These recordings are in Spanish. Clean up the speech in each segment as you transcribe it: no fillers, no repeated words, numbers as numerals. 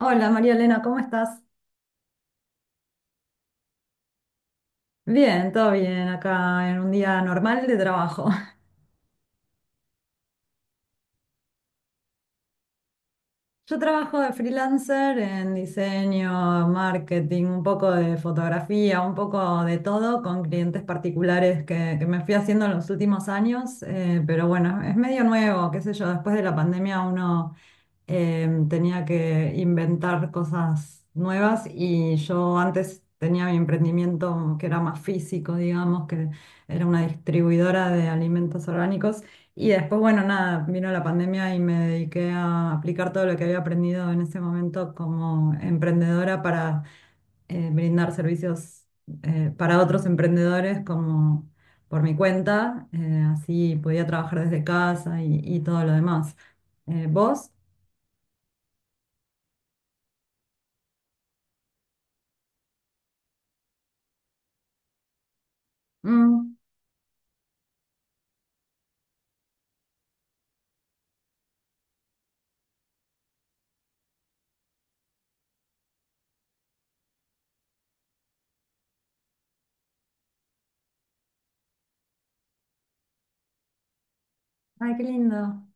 Hola María Elena, ¿cómo estás? Bien, todo bien acá en un día normal de trabajo. Yo trabajo de freelancer en diseño, marketing, un poco de fotografía, un poco de todo con clientes particulares que me fui haciendo en los últimos años, pero bueno, es medio nuevo, qué sé yo, después de la pandemia uno tenía que inventar cosas nuevas y yo antes tenía mi emprendimiento que era más físico, digamos, que era una distribuidora de alimentos orgánicos y después, bueno, nada, vino la pandemia y me dediqué a aplicar todo lo que había aprendido en ese momento como emprendedora para brindar servicios para otros emprendedores como... por mi cuenta, así podía trabajar desde casa y todo lo demás. ¿Vos? Mm. Ay, qué lindo.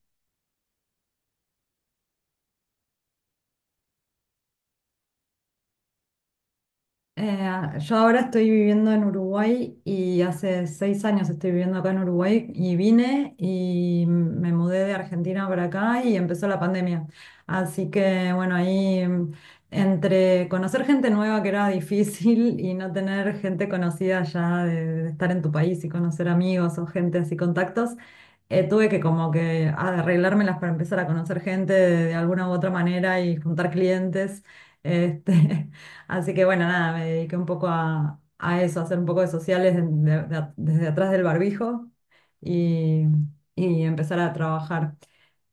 Eh, yo ahora estoy viviendo en Uruguay y hace 6 años estoy viviendo acá en Uruguay y vine y me mudé de Argentina para acá y empezó la pandemia. Así que bueno, ahí entre conocer gente nueva que era difícil y no tener gente conocida ya de estar en tu país y conocer amigos o gente así contactos, tuve que como que arreglármelas para empezar a conocer gente de alguna u otra manera y juntar clientes. Este, así que bueno, nada, me dediqué un poco a eso, a hacer un poco de sociales desde atrás del barbijo y, y empezar a trabajar.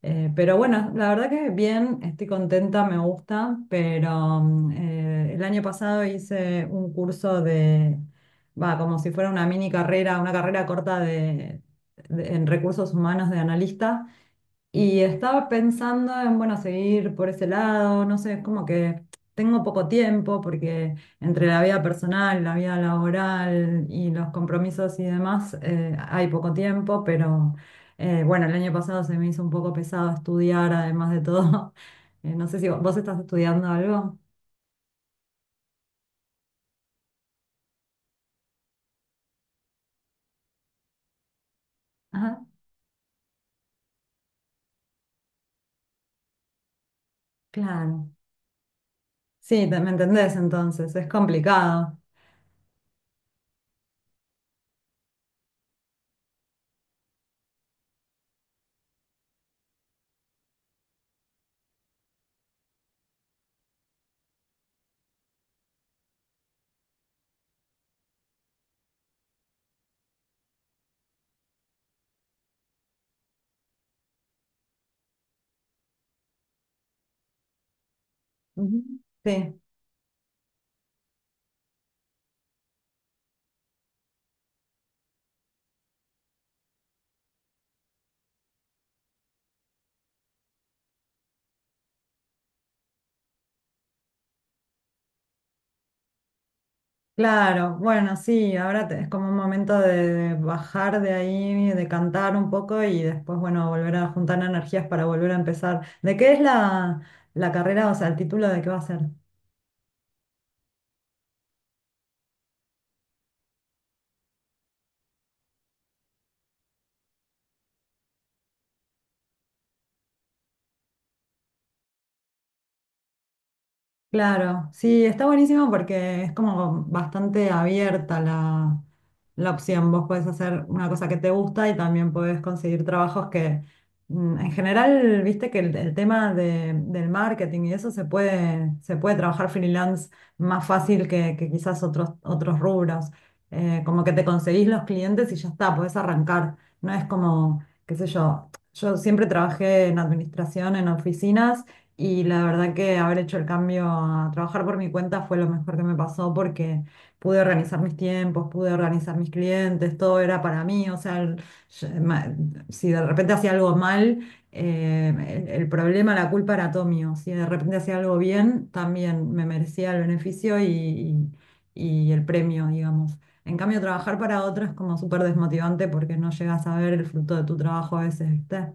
Pero bueno, la verdad que bien, estoy contenta, me gusta, pero el año pasado hice un curso de, va, como si fuera una mini carrera, una carrera corta de, en recursos humanos de analista y estaba pensando en, bueno, seguir por ese lado, no sé, es como que tengo poco tiempo porque entre la vida personal, la vida laboral y los compromisos y demás, hay poco tiempo, pero bueno, el año pasado se me hizo un poco pesado estudiar, además de todo. No sé si vos estás estudiando algo. Ajá, claro. Sí, me entendés entonces, es complicado. Ujú. Sí. Claro, bueno, sí, ahora es como un momento de bajar de ahí, de cantar un poco y después, bueno, volver a juntar energías para volver a empezar. ¿De qué es la carrera, o sea, el título de qué va a ser? Claro, sí, está buenísimo porque es como bastante abierta la opción. Vos podés hacer una cosa que te gusta y también podés conseguir trabajos que, mm, en general, viste que el tema del marketing y eso se puede trabajar freelance más fácil que quizás otros, otros rubros. Como que te conseguís los clientes y ya está, podés arrancar. No es como, qué sé yo, yo siempre trabajé en administración, en oficinas. Y la verdad que haber hecho el cambio a trabajar por mi cuenta fue lo mejor que me pasó porque pude organizar mis tiempos, pude organizar mis clientes, todo era para mí. O sea, yo- ma- si de repente hacía algo mal, eh, el problema, la culpa era todo mío. Si de repente hacía algo bien, también me merecía el beneficio y el premio, digamos. En cambio, trabajar para otros es como súper desmotivante porque no llegas a ver el fruto de tu trabajo a veces, ¿viste?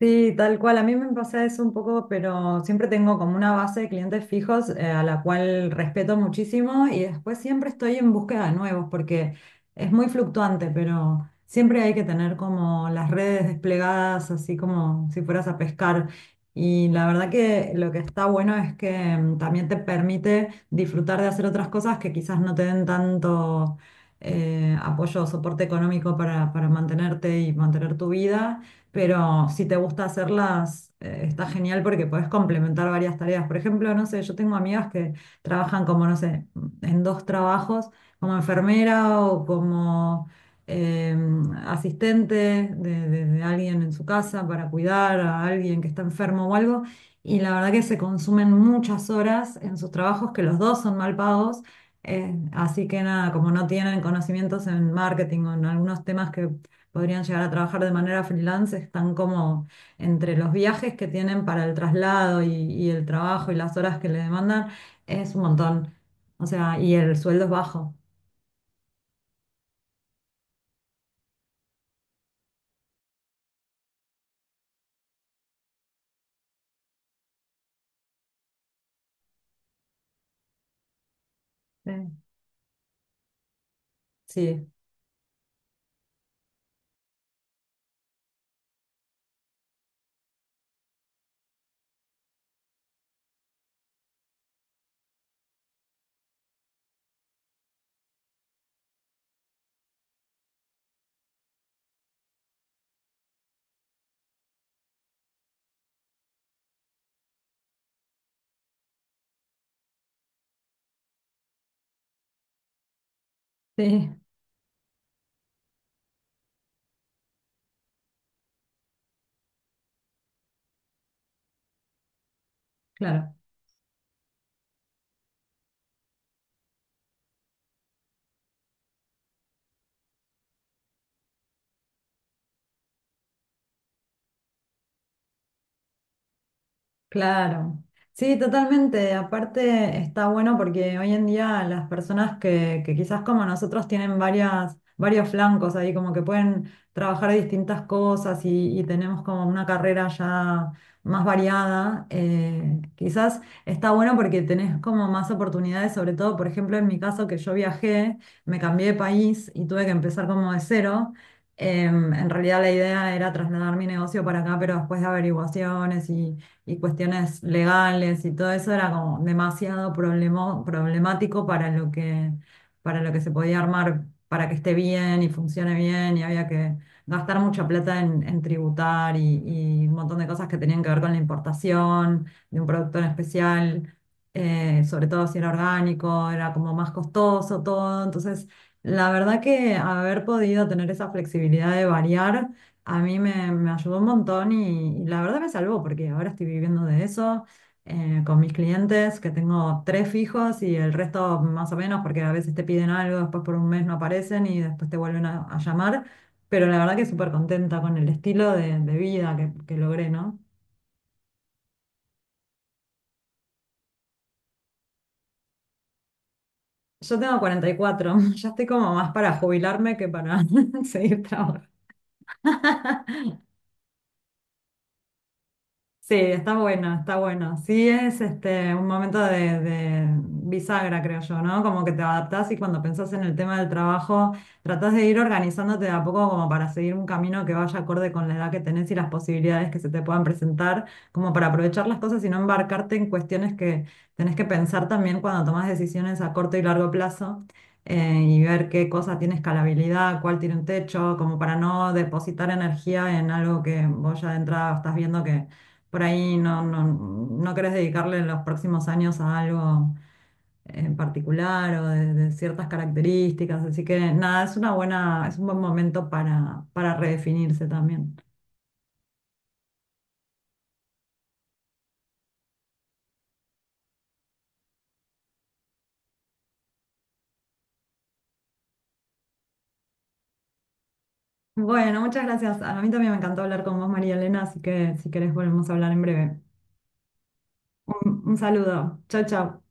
Sí, tal cual. A mí me pasa eso un poco, pero siempre tengo como una base de clientes fijos a la cual respeto muchísimo y después siempre estoy en búsqueda de nuevos porque es muy fluctuante, pero siempre hay que tener como las redes desplegadas, así como si fueras a pescar. Y la verdad que lo que está bueno es que también te permite disfrutar de hacer otras cosas que quizás no te den tanto apoyo o soporte económico para mantenerte y mantener tu vida. Pero si te gusta hacerlas, está genial porque podés complementar varias tareas. Por ejemplo, no sé, yo tengo amigas que trabajan como, no sé, en dos trabajos, como enfermera o como eh, asistente de alguien en su casa para cuidar a alguien que está enfermo o algo. Y la verdad que se consumen muchas horas en sus trabajos, que los dos son mal pagos. Así que nada, como no tienen conocimientos en marketing o en algunos temas que podrían llegar a trabajar de manera freelance están como entre los viajes que tienen para el traslado y el trabajo y las horas que le demandan, es un montón. O sea, y el sueldo es bajo. Sí, sí, sí, claro. Claro, sí, totalmente. Aparte está bueno porque hoy en día las personas que quizás como nosotros tienen varios flancos ahí, como que pueden trabajar distintas cosas y tenemos como una carrera ya más variada, quizás está bueno porque tenés como más oportunidades, sobre todo, por ejemplo, en mi caso que yo viajé, me cambié de país y tuve que empezar como de cero. En realidad la idea era trasladar mi negocio para acá, pero después de averiguaciones y cuestiones legales y todo eso era como demasiado problemático para lo que se podía armar, para que esté bien y funcione bien y había que gastar mucha plata en tributar y un montón de cosas que tenían que ver con la importación de un producto en especial, sobre todo si era orgánico, era como más costoso todo, entonces... La verdad que haber podido tener esa flexibilidad de variar me ayudó un montón y la verdad me salvó porque ahora estoy viviendo de eso, con mis clientes, que tengo tres fijos y el resto más o menos porque a veces te piden algo, después por un mes no aparecen y después te vuelven a llamar, pero la verdad que súper contenta con el estilo de vida que logré, ¿no? Yo tengo 44. Ya estoy como más para jubilarme que para seguir trabajando. Sí, está bueno, está bueno. Sí, es este un momento de bisagra, creo yo, ¿no? Como que te adaptás y cuando pensás en el tema del trabajo, tratás de ir organizándote de a poco como para seguir un camino que vaya acorde con la edad que tenés y las posibilidades que se te puedan presentar, como para aprovechar las cosas y no embarcarte en cuestiones que tenés que pensar también cuando tomás decisiones a corto y largo plazo. Y ver qué cosa tiene escalabilidad, cuál tiene un techo, como para no depositar energía en algo que vos ya de entrada estás viendo que por ahí no querés dedicarle los próximos años a algo en particular o de ciertas características. Así que nada, es una buena, es un buen momento para redefinirse también. Bueno, muchas gracias. A mí también me encantó hablar con vos, María Elena, así que si querés volvemos a hablar en breve. Un saludo. Chao, chao.